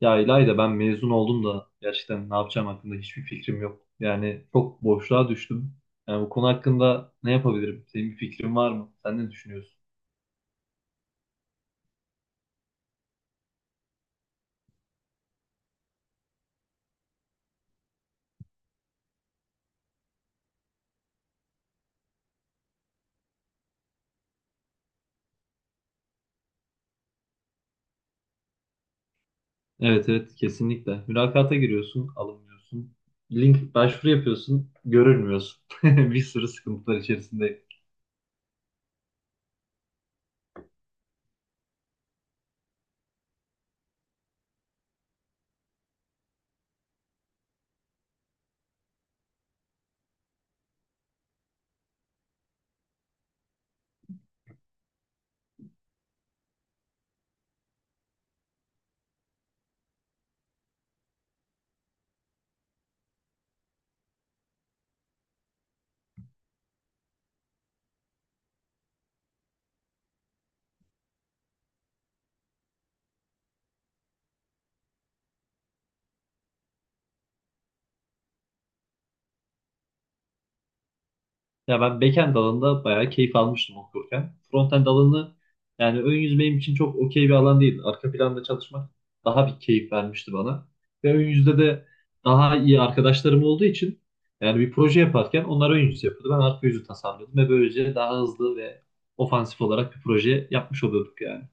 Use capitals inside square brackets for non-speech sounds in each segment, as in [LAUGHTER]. Ya İlayda ben mezun oldum da gerçekten ne yapacağım hakkında hiçbir fikrim yok. Yani çok boşluğa düştüm. Yani bu konu hakkında ne yapabilirim? Senin bir fikrin var mı? Sen ne düşünüyorsun? Evet evet, kesinlikle. Mülakata giriyorsun, alınmıyorsun. Link başvuru yapıyorsun, görülmüyorsun. [LAUGHS] Bir sürü sıkıntılar içerisinde. Ya ben backend alanında bayağı keyif almıştım okurken. Frontend alanı yani ön yüz benim için çok okey bir alan değil. Arka planda çalışmak daha bir keyif vermişti bana. Ve ön yüzde de daha iyi arkadaşlarım olduğu için yani bir proje yaparken onlar ön yüz yapıyordu. Ben arka yüzü tasarlıyordum ve böylece daha hızlı ve ofansif olarak bir proje yapmış oluyorduk yani.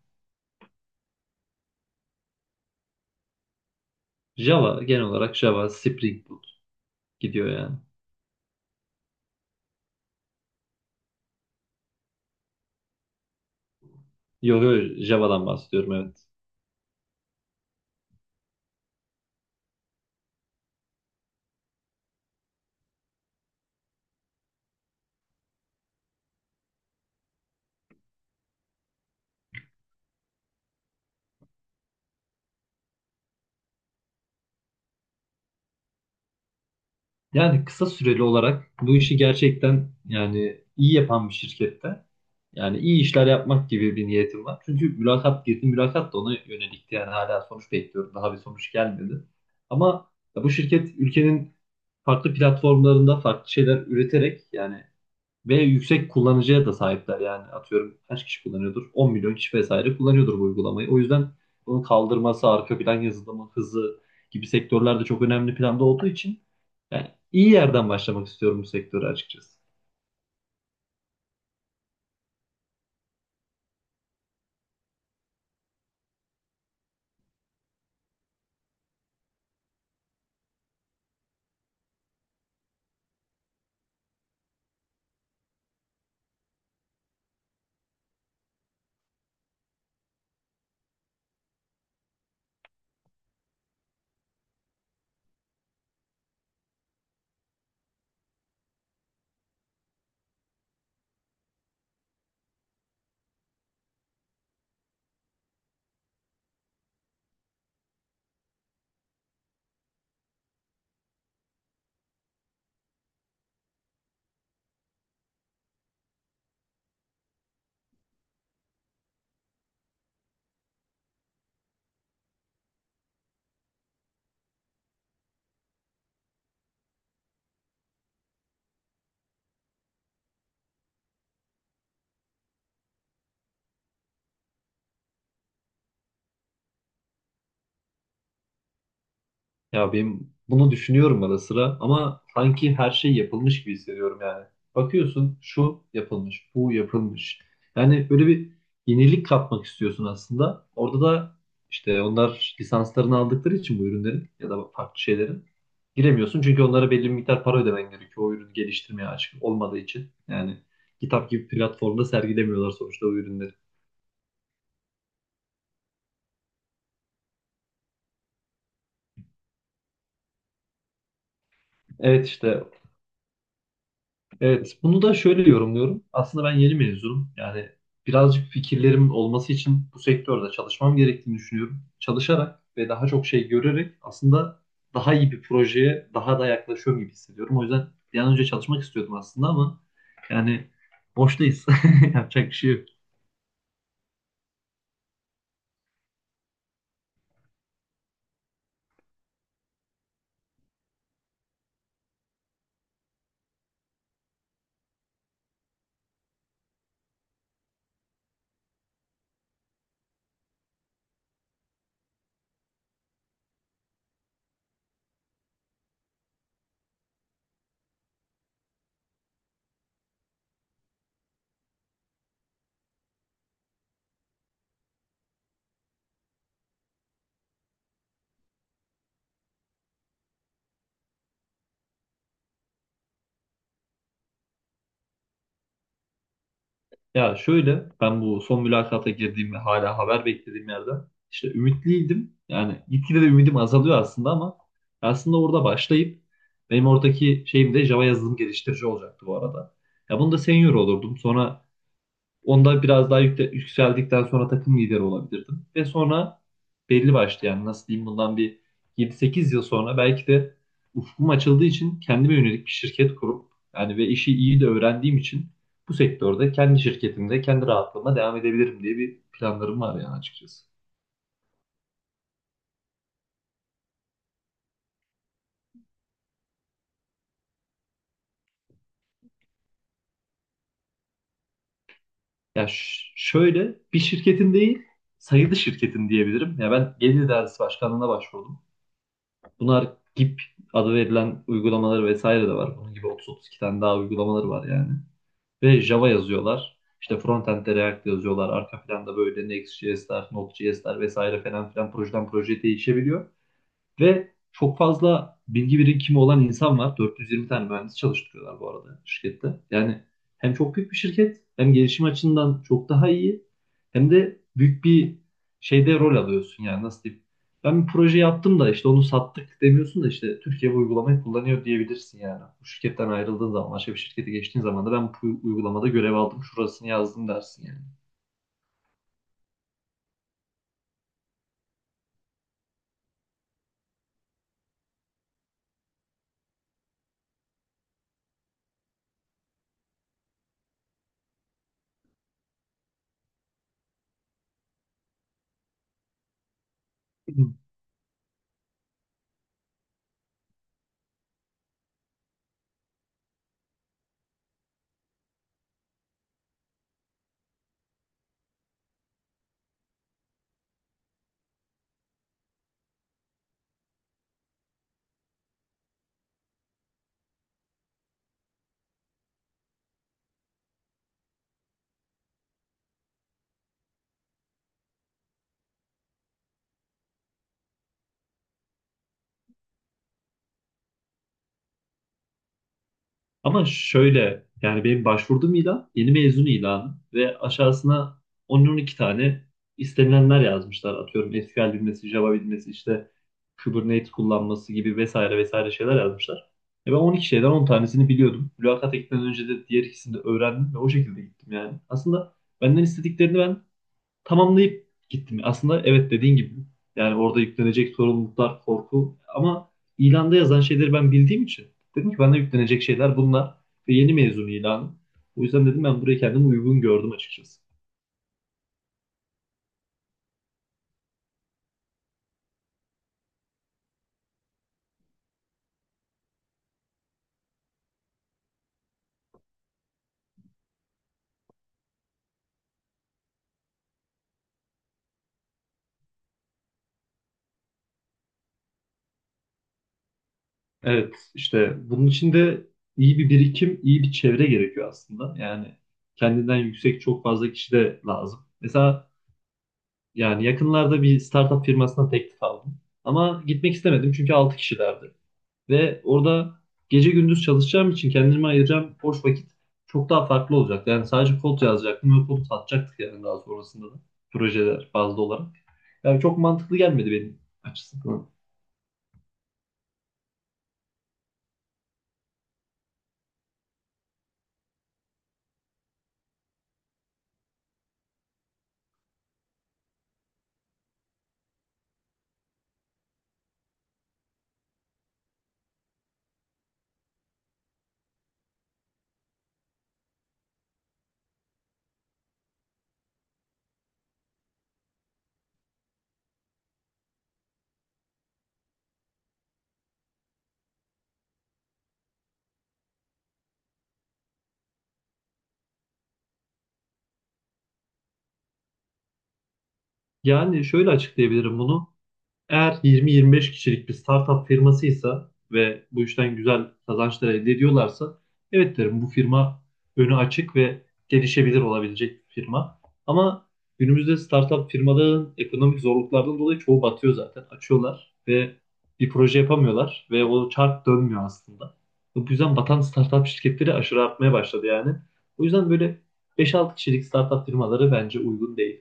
Java, genel olarak Java, Spring Boot gidiyor yani. Yok yok, Java'dan bahsediyorum, evet. Yani kısa süreli olarak bu işi gerçekten yani iyi yapan bir şirkette yani iyi işler yapmak gibi bir niyetim var. Çünkü mülakat girdi, mülakat da ona yönelikti. Yani hala sonuç bekliyorum. Daha bir sonuç gelmedi. Ama ya bu şirket ülkenin farklı platformlarında farklı şeyler üreterek yani ve yüksek kullanıcıya da sahipler. Yani atıyorum kaç kişi kullanıyordur? 10 milyon kişi vesaire kullanıyordur bu uygulamayı. O yüzden bunu kaldırması, arka plan yazılımı, hızı gibi sektörler de çok önemli planda olduğu için yani iyi yerden başlamak istiyorum bu sektöre açıkçası. Ya benim bunu düşünüyorum ara sıra ama sanki her şey yapılmış gibi hissediyorum yani. Bakıyorsun şu yapılmış, bu yapılmış. Yani böyle bir yenilik katmak istiyorsun aslında. Orada da işte onlar lisanslarını aldıkları için bu ürünlerin ya da farklı şeylerin giremiyorsun. Çünkü onlara belli bir miktar para ödemen gerekiyor, o ürünü geliştirmeye açık olmadığı için. Yani kitap gibi platformda sergilemiyorlar sonuçta o ürünleri. Evet işte. Evet, bunu da şöyle yorumluyorum. Aslında ben yeni mezunum. Yani birazcık fikirlerim olması için bu sektörde çalışmam gerektiğini düşünüyorum. Çalışarak ve daha çok şey görerek aslında daha iyi bir projeye daha da yaklaşıyorum gibi hissediyorum. O yüzden bir an önce çalışmak istiyordum aslında ama yani boştayız. [LAUGHS] Yapacak bir şey yok. Ya şöyle, ben bu son mülakata girdiğim ve hala haber beklediğim yerde işte ümitliydim. Yani gitgide de ümidim azalıyor aslında ama aslında orada başlayıp benim oradaki şeyim de Java yazılım geliştirici olacaktı bu arada. Ya bunu da senior olurdum. Sonra onda biraz daha yükseldikten sonra takım lideri olabilirdim. Ve sonra belli başlı yani nasıl diyeyim bundan bir 7-8 yıl sonra belki de ufkum açıldığı için kendime yönelik bir şirket kurup yani ve işi iyi de öğrendiğim için bu sektörde kendi şirketimde kendi rahatlığıma devam edebilirim diye bir planlarım var yani açıkçası. Ya şöyle bir şirketin değil, sayılı şirketin diyebilirim. Ya ben Gelir İdaresi Başkanlığı'na başvurdum. Bunlar GIP adı verilen uygulamaları vesaire de var. Bunun gibi 30-32 tane daha uygulamaları var yani. Ve Java yazıyorlar. İşte frontend'de React yazıyorlar. Arka planda böyle Next.js'ler, Node.js'ler vesaire falan filan, projeden projeye değişebiliyor. Ve çok fazla bilgi birikimi olan insan var. 420 tane mühendis çalıştırıyorlar bu arada şirkette. Yani hem çok büyük bir şirket, hem gelişim açısından çok daha iyi, hem de büyük bir şeyde rol alıyorsun yani nasıl diyeyim. Ben bir proje yaptım da işte onu sattık demiyorsun da işte Türkiye bu uygulamayı kullanıyor diyebilirsin yani. Bu şirketten ayrıldığın zaman, başka bir şirkete geçtiğin zaman da ben bu uygulamada görev aldım, şurasını yazdım dersin yani. Ama şöyle, yani benim başvurduğum ilan yeni mezun ilanı ve aşağısına on 12 tane istenilenler yazmışlar. Atıyorum SQL bilmesi, Java bilmesi, işte Kubernetes kullanması gibi vesaire vesaire şeyler yazmışlar. E ben 12 şeyden 10 tanesini biliyordum. Mülakata gitmeden önce de diğer ikisini de öğrendim ve o şekilde gittim yani. Aslında benden istediklerini ben tamamlayıp gittim. Aslında evet, dediğin gibi. Yani orada yüklenecek sorumluluklar, korku ama ilanda yazan şeyleri ben bildiğim için dedim ki bana yüklenecek şeyler bunlar ve yeni mezun ilanı. O yüzden dedim ben buraya kendimi uygun gördüm açıkçası. Evet işte, bunun için de iyi bir birikim, iyi bir çevre gerekiyor aslında. Yani kendinden yüksek çok fazla kişi de lazım. Mesela yani yakınlarda bir startup firmasına teklif aldım. Ama gitmek istemedim çünkü 6 kişilerdi. Ve orada gece gündüz çalışacağım için kendime ayıracağım boş vakit çok daha farklı olacak. Yani sadece kod yazacaktım ve kodu satacaktık yani daha sonrasında da projeler bazlı olarak. Yani çok mantıklı gelmedi benim açısından. Yani şöyle açıklayabilirim bunu. Eğer 20-25 kişilik bir startup firmasıysa ve bu işten güzel kazançlar elde ediyorlarsa evet derim, bu firma önü açık ve gelişebilir olabilecek bir firma. Ama günümüzde startup firmaların ekonomik zorluklardan dolayı çoğu batıyor zaten. Açıyorlar ve bir proje yapamıyorlar ve o çark dönmüyor aslında. Bu yüzden batan startup şirketleri aşırı artmaya başladı yani. O yüzden böyle 5-6 kişilik startup firmaları bence uygun değil.